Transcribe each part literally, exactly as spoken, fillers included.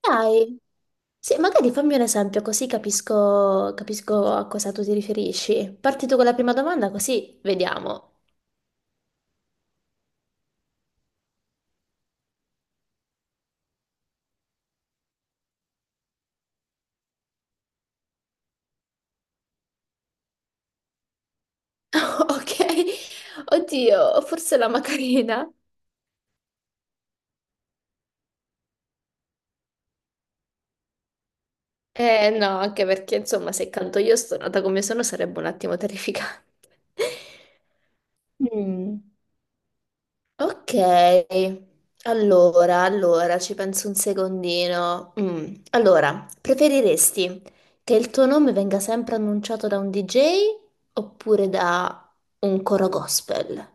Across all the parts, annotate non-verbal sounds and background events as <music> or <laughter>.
Dai, sì, magari fammi un esempio così capisco, capisco a cosa tu ti riferisci. Parti tu con la prima domanda così vediamo. <laughs> Ok, oddio, forse la Macarena. Eh no, anche perché insomma se canto io stonata come sono sarebbe un attimo terrificante. <laughs> Mm. Ok, allora, allora, ci penso un secondino. Mm, Allora, preferiresti che il tuo nome venga sempre annunciato da un D J oppure da un coro gospel?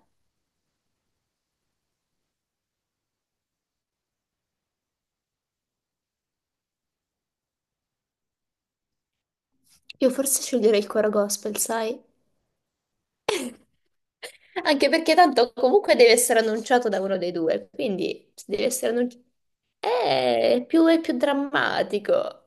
Io forse sceglierei il coro gospel, sai? Anche perché tanto comunque deve essere annunciato da uno dei due, quindi se deve essere annunciato... Eh, più è più drammatico.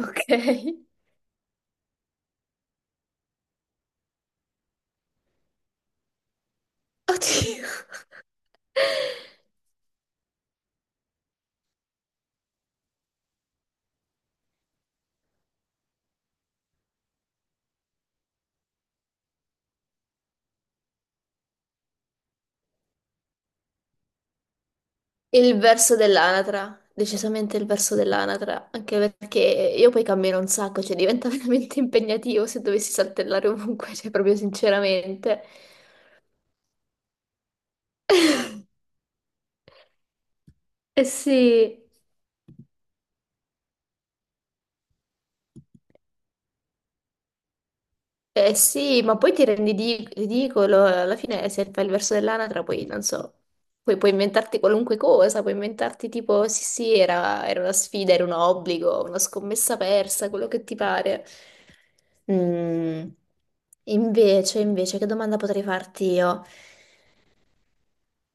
Ok. <laughs> Oddio. Il verso dell'anatra, decisamente il verso dell'anatra, anche perché io poi cammino un sacco, cioè diventa <laughs> veramente impegnativo se dovessi saltellare ovunque, cioè proprio sinceramente. Eh sì, eh sì, ma poi ti rendi di- ridicolo, alla fine se fai il verso dell'anatra poi non so, poi puoi inventarti qualunque cosa, puoi inventarti tipo sì sì era, era una sfida, era un obbligo, una scommessa persa, quello che ti pare. Mm, Invece, invece, che domanda potrei farti io?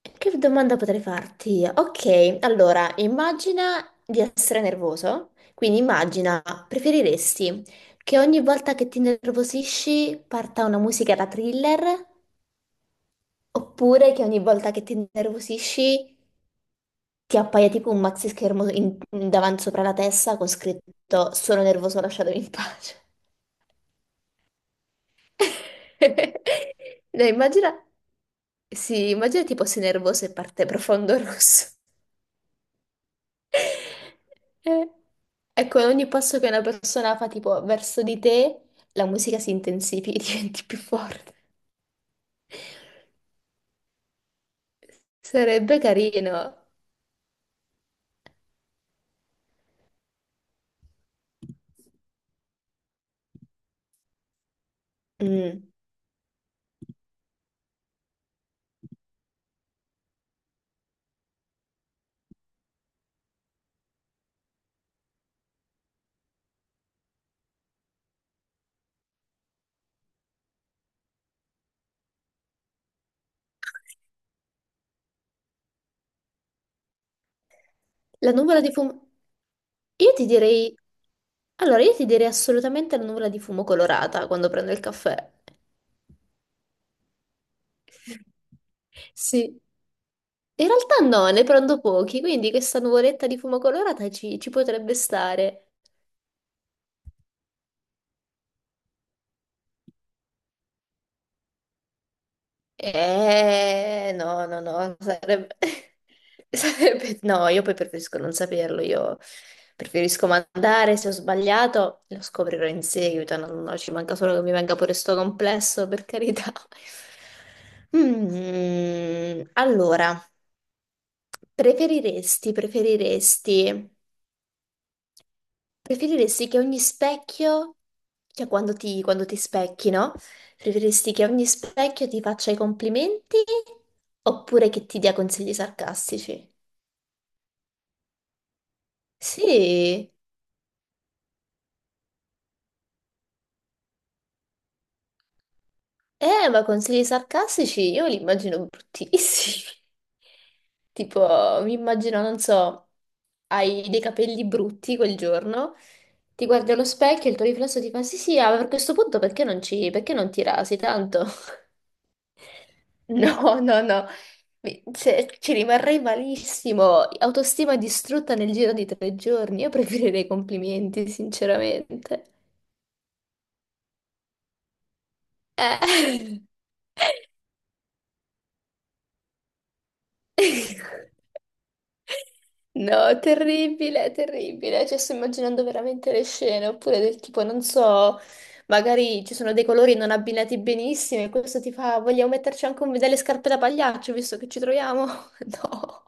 Che domanda potrei farti io? Ok, allora, immagina di essere nervoso, quindi immagina, preferiresti che ogni volta che ti nervosisci parta una musica da thriller, oppure che ogni volta che ti nervosisci ti appaia tipo un maxi schermo in- davanti sopra la testa con scritto sono nervoso, lasciatemi in pace. <laughs> No, immagina, sì, immagina tipo sei nervoso e parte profondo <laughs> rosso. Eh, Ecco, ogni passo che una persona fa tipo verso di te, la musica si intensifica <laughs> e diventi più forte. Sarebbe carino. Mm. La nuvola di fumo... Io ti direi... Allora, io ti direi assolutamente la nuvola di fumo colorata quando prendo il caffè. <laughs> Sì. In realtà no, ne prendo pochi, quindi questa nuvoletta di fumo colorata ci, ci potrebbe stare. Eh, no, no, no, sarebbe... <laughs> sarebbe- No, io poi preferisco non saperlo, io preferisco mandare, se ho sbagliato lo scoprirò in seguito, no, no, ci manca solo che mi venga pure sto complesso, per carità. <laughs> Mm, allora, preferiresti, preferiresti... Preferiresti che ogni specchio, cioè quando ti, quando ti specchi, no? Preferiresti che ogni specchio ti faccia i complimenti oppure che ti dia consigli sarcastici? Sì, eh, ma consigli sarcastici io li immagino bruttissimi. <laughs> Tipo, mi immagino, non so, hai dei capelli brutti quel giorno, ti guardi allo specchio e il tuo riflesso ti fa sì sì, ah, per questo punto perché non ci, perché non ti rasi tanto? <laughs> No, no, no, Mi- cioè, ci rimarrei malissimo, autostima distrutta nel giro di tre giorni, io preferirei complimenti, sinceramente. Eh. <laughs> No, terribile, terribile. Cioè, sto immaginando veramente le scene, oppure del tipo, non so, magari ci sono dei colori non abbinati benissimo e questo ti fa, vogliamo metterci anche un- delle scarpe da pagliaccio, visto che ci troviamo? <laughs> No,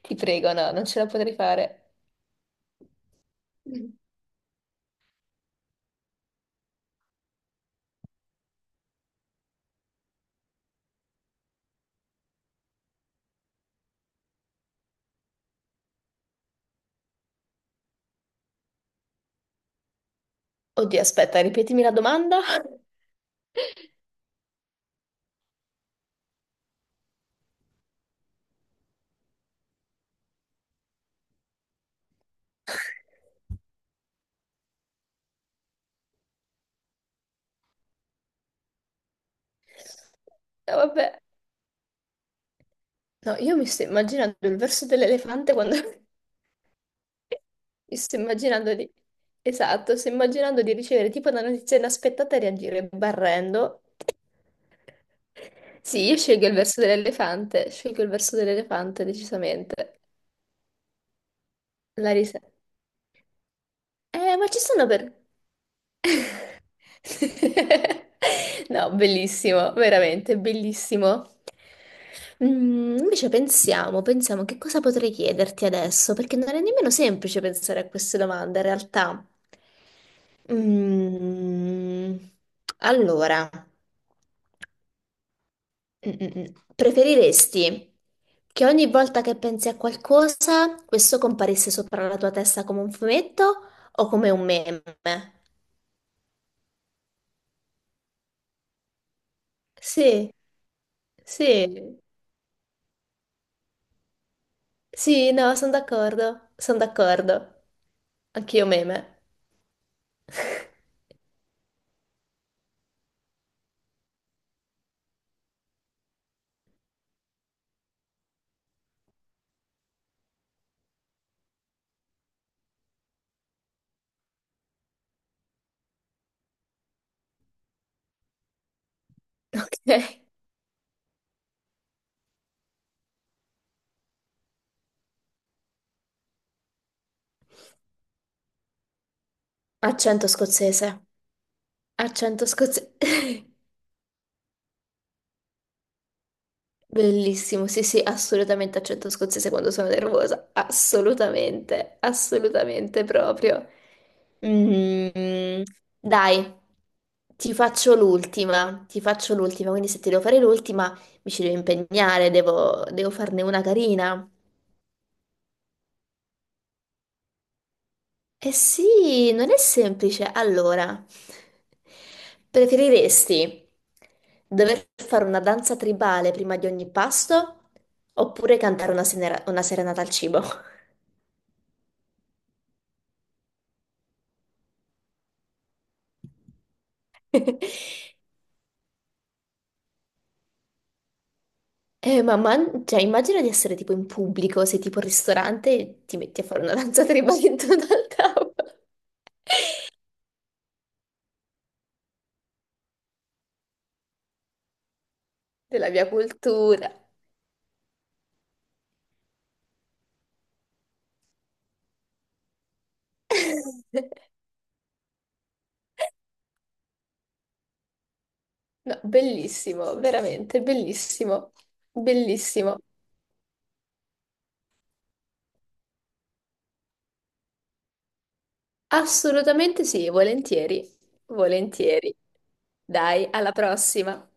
ti prego, no, non ce la potrei fare. Oddio, aspetta, ripetimi la domanda. <laughs> No, vabbè. No, io mi sto immaginando il verso dell'elefante quando... <laughs> Mi sto immaginando di... Esatto, sto immaginando di ricevere tipo una notizia inaspettata e reagire barrendo. Sì, io scelgo il verso dell'elefante, scelgo il verso dell'elefante decisamente. La risa. Eh, ma ci sono per... <laughs> No, bellissimo, veramente bellissimo. Mm, invece pensiamo, pensiamo che cosa potrei chiederti adesso, perché non è nemmeno semplice pensare a queste domande in realtà. Mm, allora, mm, mm, mm. preferiresti che ogni volta che pensi a qualcosa, questo comparisse sopra la tua testa come un fumetto o come un meme? Sì, sì, sì, no, sono d'accordo, sono d'accordo. Anch'io meme. <laughs> Ok. Accento scozzese. Accento scozzese. <laughs> Bellissimo, sì, sì, assolutamente accento scozzese quando sono nervosa. Assolutamente, assolutamente proprio. Mm, dai, ti faccio l'ultima, ti faccio l'ultima, quindi se ti devo fare l'ultima mi ci devo impegnare, devo, devo farne una carina. Eh sì, non è semplice. Allora, preferiresti dover fare una danza tribale prima di ogni pasto oppure cantare una, senera- una serenata al cibo? <laughs> Eh, ma man- cioè, immagina di essere tipo in pubblico, sei tipo al ristorante e ti metti a fare una danza tribale intorno al tavolo della mia cultura. <laughs> No, bellissimo, veramente bellissimo, bellissimo. Assolutamente sì, volentieri, volentieri. Dai, alla prossima.